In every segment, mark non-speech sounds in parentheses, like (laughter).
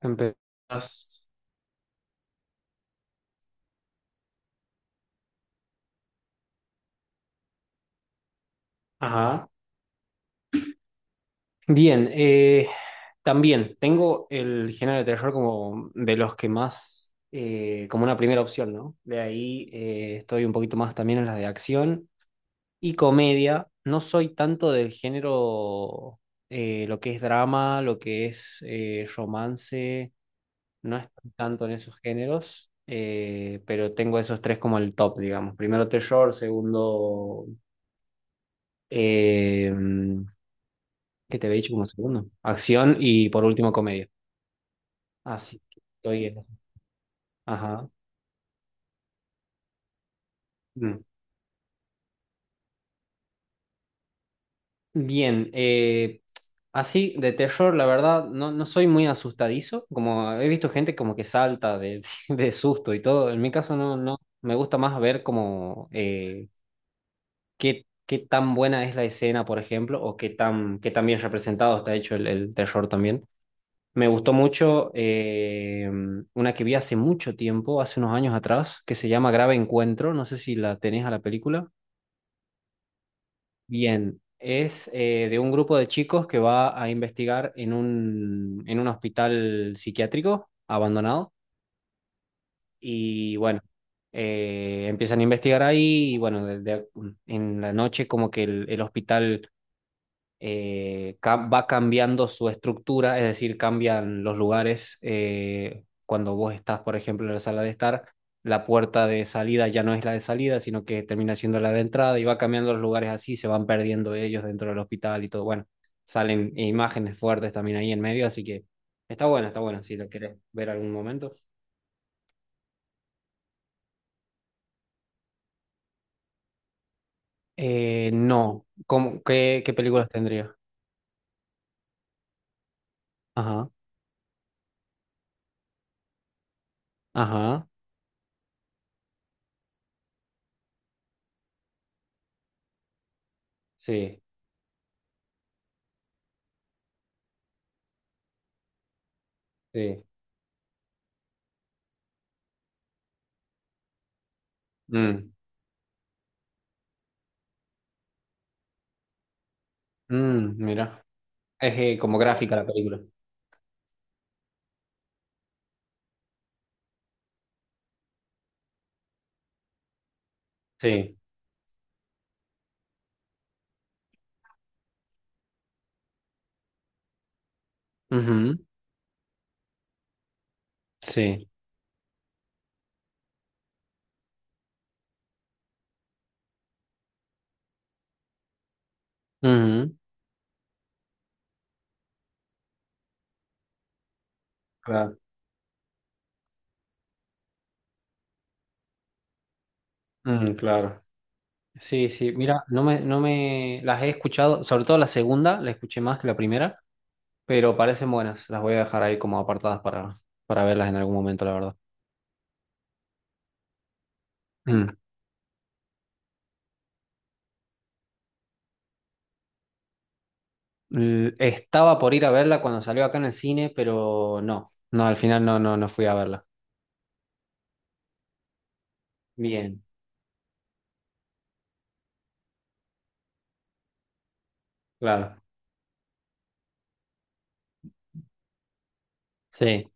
Empezás. Ajá. Bien, también tengo el género de terror como de los que más, como una primera opción, ¿no? De ahí estoy un poquito más también en las de acción y comedia. No soy tanto del género, lo que es drama, lo que es romance, no estoy tanto en esos géneros, pero tengo esos tres como el top, digamos. Primero terror, segundo... em, que te había dicho como segundo. Acción y por último comedia. Así que estoy. Ajá. Mm. Bien, así, de terror, la verdad, no soy muy asustadizo. Como he visto gente como que salta de, (laughs) de susto y todo. En mi caso, no, no. Me gusta más ver como qué, qué tan buena es la escena, por ejemplo, o qué tan bien representado está hecho el terror también. Me gustó mucho una que vi hace mucho tiempo, hace unos años atrás, que se llama Grave Encuentro. No sé si la tenés a la película. Bien, es de un grupo de chicos que va a investigar en un hospital psiquiátrico abandonado. Y bueno, empiezan a investigar ahí y bueno, en la noche como que el hospital va cambiando su estructura, es decir, cambian los lugares. Cuando vos estás, por ejemplo, en la sala de estar, la puerta de salida ya no es la de salida, sino que termina siendo la de entrada y va cambiando los lugares así, se van perdiendo ellos dentro del hospital y todo. Bueno, salen imágenes fuertes también ahí en medio, así que está bueno, si lo querés ver algún momento. No, ¿cómo... qué, qué películas tendría? Ajá, ajá, sí, sí. Mm, mm, mira. Es como gráfica la película. Sí. Ujú. Sí. Ujú. Claro. Mm, claro. Sí, sí. Mira, no me las he escuchado, sobre todo la segunda, la escuché más que la primera, pero parecen buenas. Las voy a dejar ahí como apartadas para verlas en algún momento, la verdad. Mm. Estaba por ir a verla cuando salió acá en el cine, pero no. No, al final no, no, no fui a verla. Bien, claro. Sí.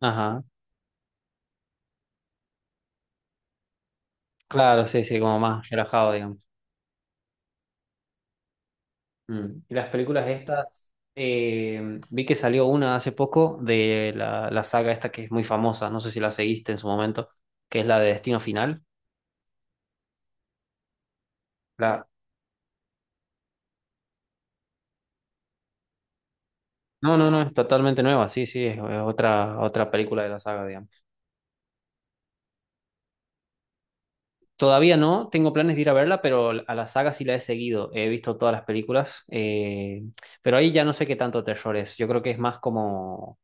Ajá. Claro, sí, sí, como más relajado, digamos. Mm. Y las películas estas, vi que salió una hace poco de la, la saga esta que es muy famosa, no sé si la seguiste en su momento, que es la de Destino Final. La... No, no, no, es totalmente nueva, sí, sí, es otra, otra película de la saga, digamos. Todavía no, tengo planes de ir a verla, pero a la saga sí la he seguido, he visto todas las películas, pero ahí ya no sé qué tanto terror es, yo creo que es más como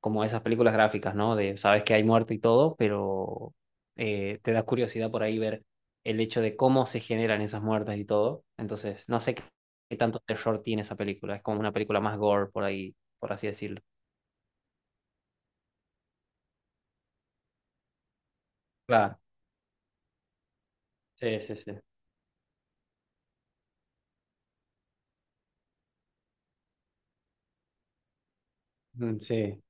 como esas películas gráficas, ¿no? De sabes que hay muerte y todo, pero te da curiosidad por ahí ver el hecho de cómo se generan esas muertes y todo. Entonces, no sé qué, qué tanto terror tiene esa película. Es como una película más gore por ahí, por así decirlo. Claro, sí, sí, sí. Mm, sí,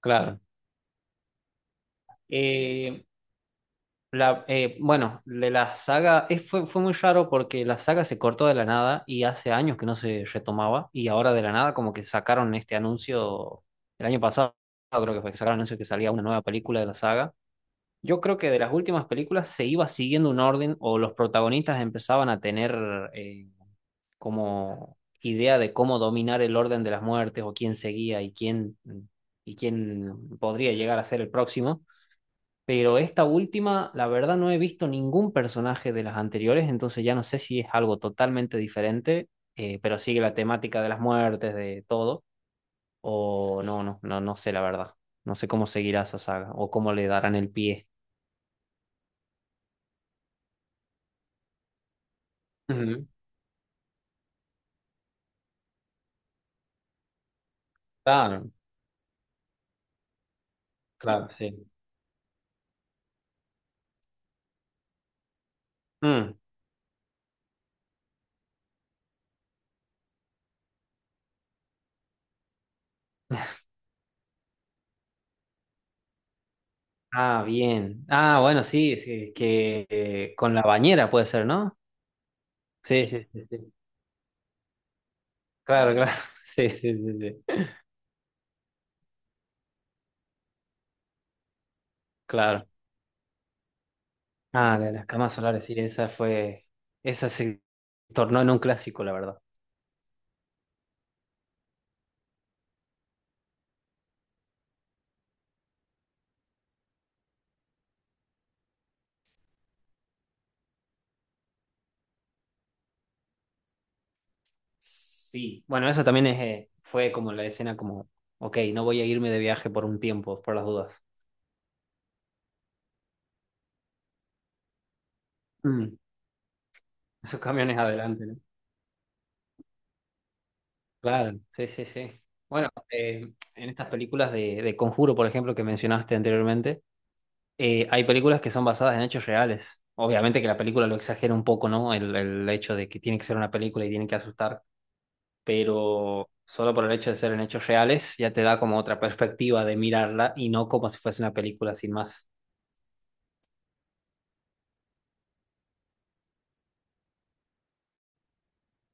claro. Eh, La, bueno, de la saga, fue, fue muy raro porque la saga se cortó de la nada y hace años que no se retomaba y ahora de la nada como que sacaron este anuncio el año pasado, creo que fue que sacaron el anuncio que salía una nueva película de la saga. Yo creo que de las últimas películas se iba siguiendo un orden o los protagonistas empezaban a tener eh, como idea de cómo dominar el orden de las muertes o quién seguía y quién podría llegar a ser el próximo. Pero esta última, la verdad, no he visto ningún personaje de las anteriores, entonces ya no sé si es algo totalmente diferente, pero sigue la temática de las muertes, de todo, o no, no, no, no sé la verdad. No sé cómo seguirá esa saga o cómo le darán el pie. Ujú. Claro, claro, sí. Mm. Ah, bien. Ah, bueno, sí, sí, que con la bañera puede ser, ¿no? Sí, sí, sí, sí. Claro, claro. (laughs) Sí, sí, sí, sí. Claro. Ah, la de las camas solares, sí, esa fue. Esa se tornó en un clásico, la verdad. Sí, bueno, eso también es, fue como la escena como, ok, no voy a irme de viaje por un tiempo, por las dudas. Mm, esos camiones adelante, ¿no? Claro, sí, sí, sí. Bueno, en estas películas de Conjuro, por ejemplo, que mencionaste anteriormente, hay películas que son basadas en hechos reales. Obviamente que la película lo exagera un poco, ¿no? El hecho de que tiene que ser una película y tiene que asustar. Pero solo por el hecho de ser en hechos reales ya te da como otra perspectiva de mirarla y no como si fuese una película sin más.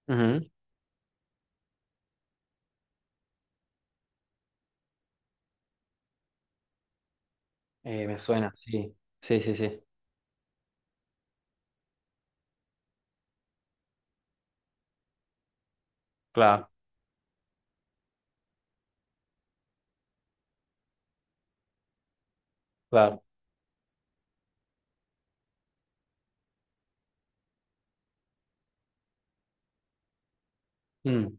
Ujú. Me suena, sí, sí, sí, sí, claro, claro. Mm,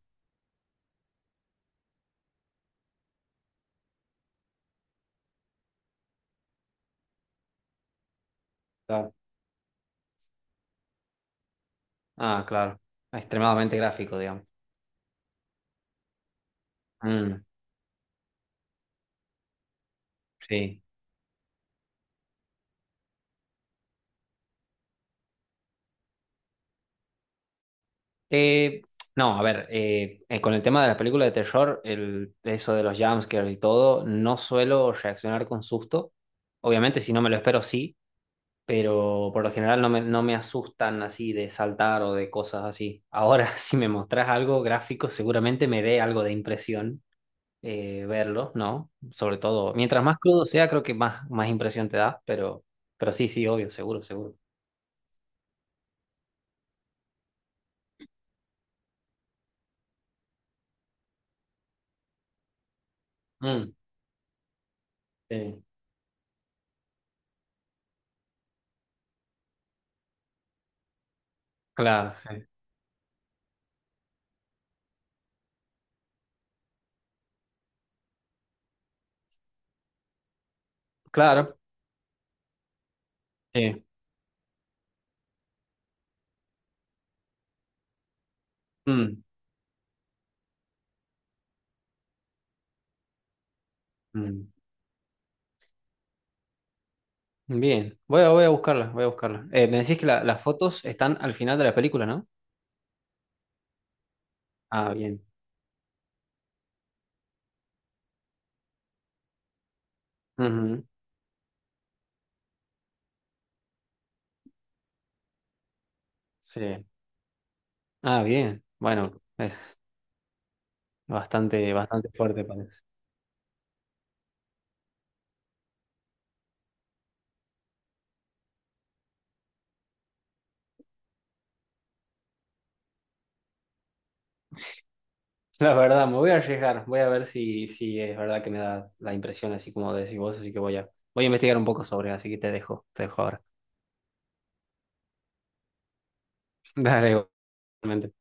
claro. Ah, claro, extremadamente gráfico, digamos. Mm, sí. Eh, no, a ver, con el tema de las películas de terror, el, eso de los jumpscares y todo, no suelo reaccionar con susto. Obviamente, si no me lo espero, sí, pero por lo general no me, no me asustan así de saltar o de cosas así. Ahora, (laughs) si me mostrás algo gráfico, seguramente me dé algo de impresión verlo, ¿no? Sobre todo, mientras más crudo sea, creo que más, más impresión te da, pero sí, sí, obvio, seguro, seguro. Mm, sí, claro, sí. Claro, sí. Mm, mm. Bien, voy a, voy a buscarla, voy a buscarla. Me decís que las fotos están al final de la película, ¿no? Ah, bien. Ujú, sí. Ah, bien. Bastante, bastante fuerte parece. (laughs) La verdad, me voy a arriesgar, voy a ver si, si es verdad que me da la impresión, así como decís vos, así que voy a, voy a investigar un poco sobre, así que te dejo ahora. (laughs) Dale, igualmente.